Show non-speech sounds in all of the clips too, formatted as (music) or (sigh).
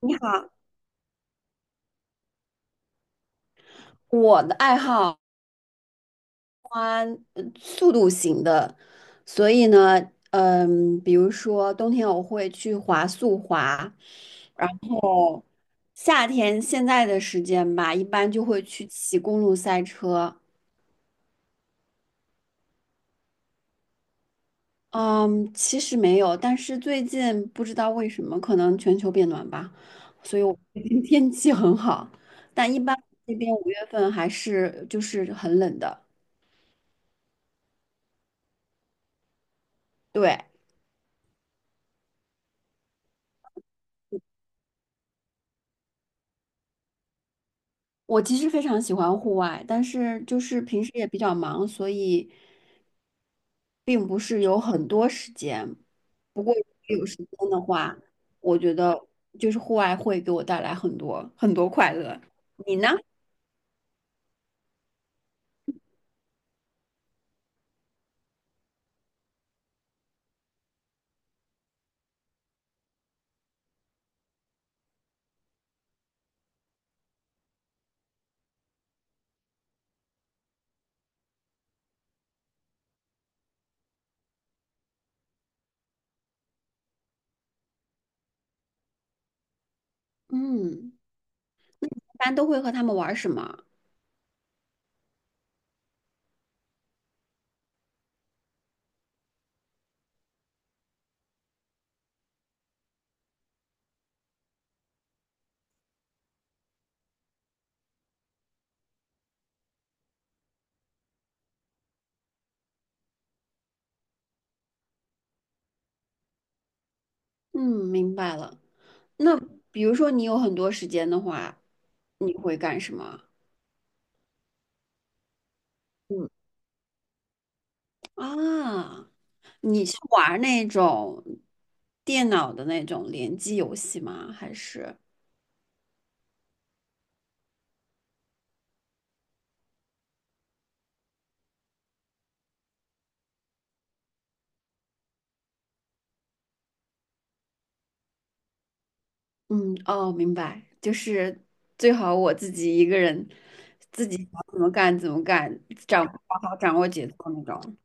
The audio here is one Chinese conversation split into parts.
你好，我的爱好速度型的，所以呢，比如说冬天我会去滑速滑，然后夏天现在的时间吧，一般就会去骑公路赛车。嗯，其实没有，但是最近不知道为什么，可能全球变暖吧，所以我最近 (laughs) 天气很好，但一般这边五月份还是就是很冷的。对。我其实非常喜欢户外，但是就是平时也比较忙，所以并不是有很多时间。不过如果有时间的话，我觉得就是户外会给我带来很多很多快乐。你呢？嗯，一般都会和他们玩什么？嗯，明白了。那比如说你有很多时间的话，你会干什么？嗯啊，你是玩儿那种电脑的那种联机游戏吗？还是？嗯，哦，明白，就是最好我自己一个人，自己想怎么干怎么干，掌好好掌握节奏那种，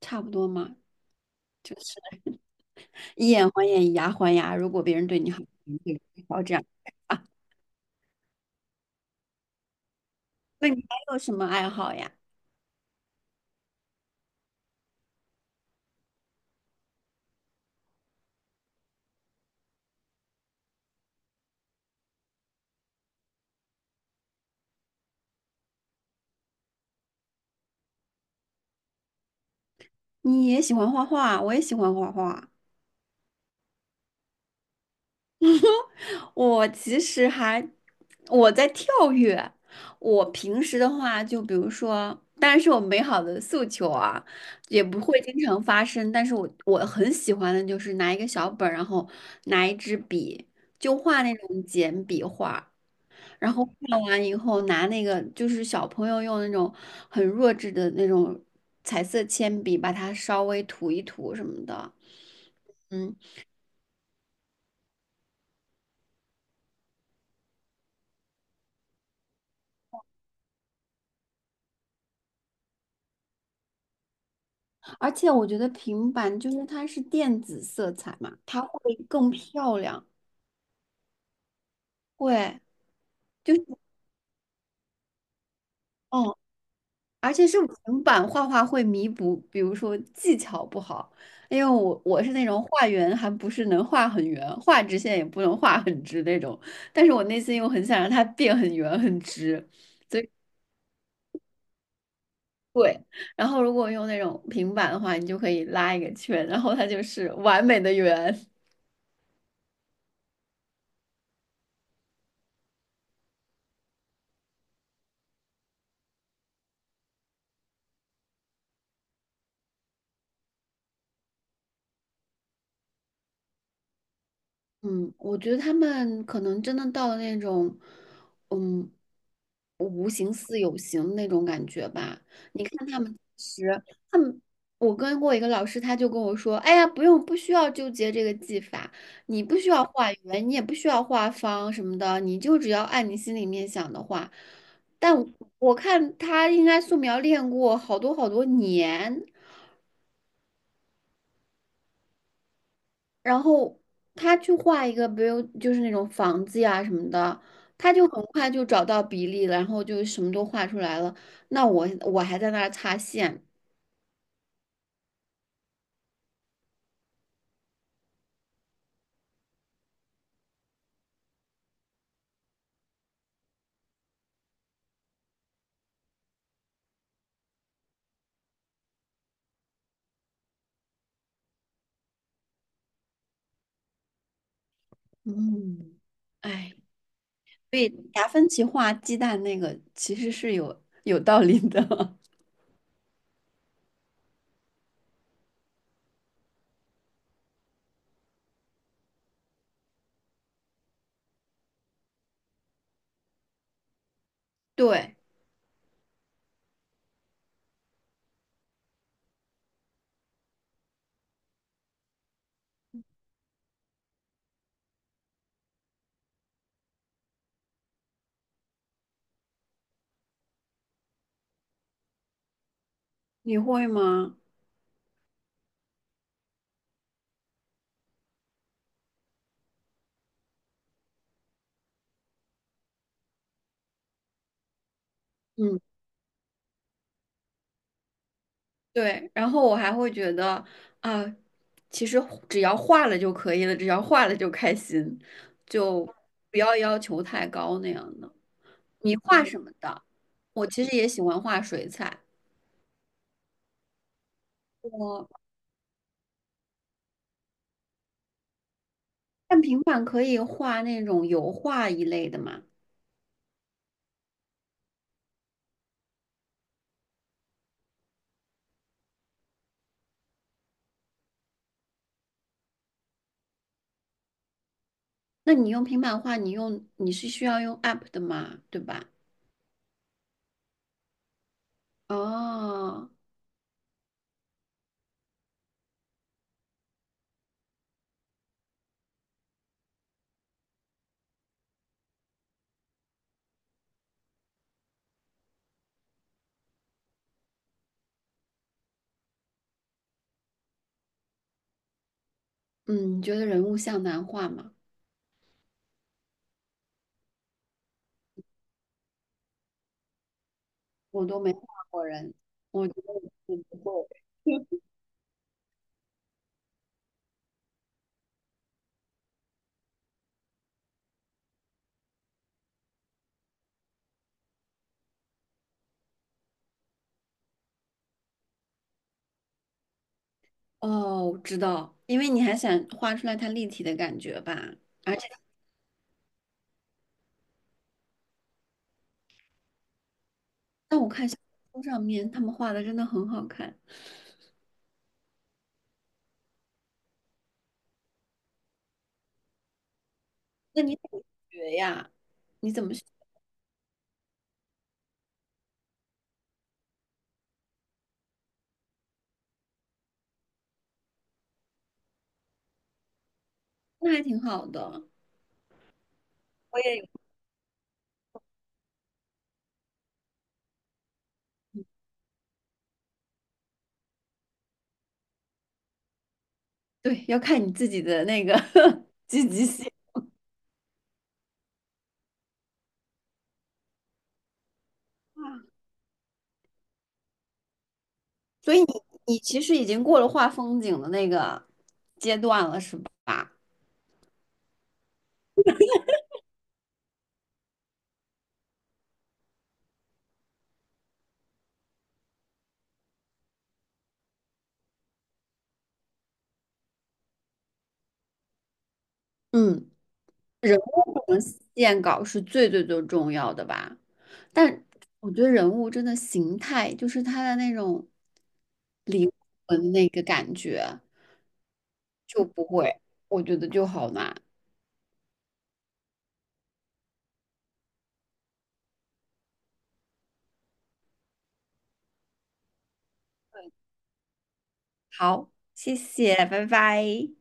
差不多嘛，就是以眼还眼，以牙还牙。如果别人对你好，你对好这样啊。那你还有什么爱好呀？你也喜欢画画，我也喜欢画画。(laughs) 我其实还我在跳跃。我平时的话，就比如说，当然是我美好的诉求啊，也不会经常发生。但是我很喜欢的就是拿一个小本儿，然后拿一支笔，就画那种简笔画。然后画完以后，拿那个就是小朋友用那种很弱智的那种彩色铅笔，把它稍微涂一涂什么的。嗯。而且我觉得平板就是它是电子色彩嘛，它会更漂亮，会就是哦，而且是平板画画会弥补，比如说技巧不好，因为我是那种画圆还不是能画很圆，画直线也不能画很直那种，但是我内心又很想让它变很圆很直。对，然后如果用那种平板的话，你就可以拉一个圈，然后它就是完美的圆。嗯，我觉得他们可能真的到了那种，嗯，无形似有形的那种感觉吧。你看他们其实，他们，我跟过一个老师，他就跟我说：“哎呀，不用，不需要纠结这个技法，你不需要画圆，你也不需要画方什么的，你就只要按你心里面想的画。”但我看他应该素描练过好多好多年，然后他去画一个，比如就是那种房子呀什么的，他就很快就找到比例了，然后就什么都画出来了。那我还在那儿擦线，嗯，哎，所以达芬奇画鸡蛋那个其实是有道理的。(laughs) 对，你会吗？嗯，对。然后我还会觉得啊，其实只要画了就可以了，只要画了就开心，就不要要求太高那样的。你画什么的？我其实也喜欢画水彩。我看平板可以画那种油画一类的嘛？那你用平板画，你用你是需要用 App 的嘛？对吧？哦，嗯，你觉得人物像难画吗？我都没画过人，我觉得我不够。(laughs) 哦，我知道，因为你还想画出来它立体的感觉吧？而且，但我看小红书上面他们画的真的很好看。那你怎么学呀？你怎么学？那还挺好的。我也有对，要看你自己的那个 (laughs) 积极性。所以你其实已经过了画风景的那个阶段了，是吧？嗯，人物和线稿是最最最重要的吧？但我觉得人物真的形态，就是他的那种灵魂那个感觉就不会，我觉得就好难。好，谢谢，拜拜。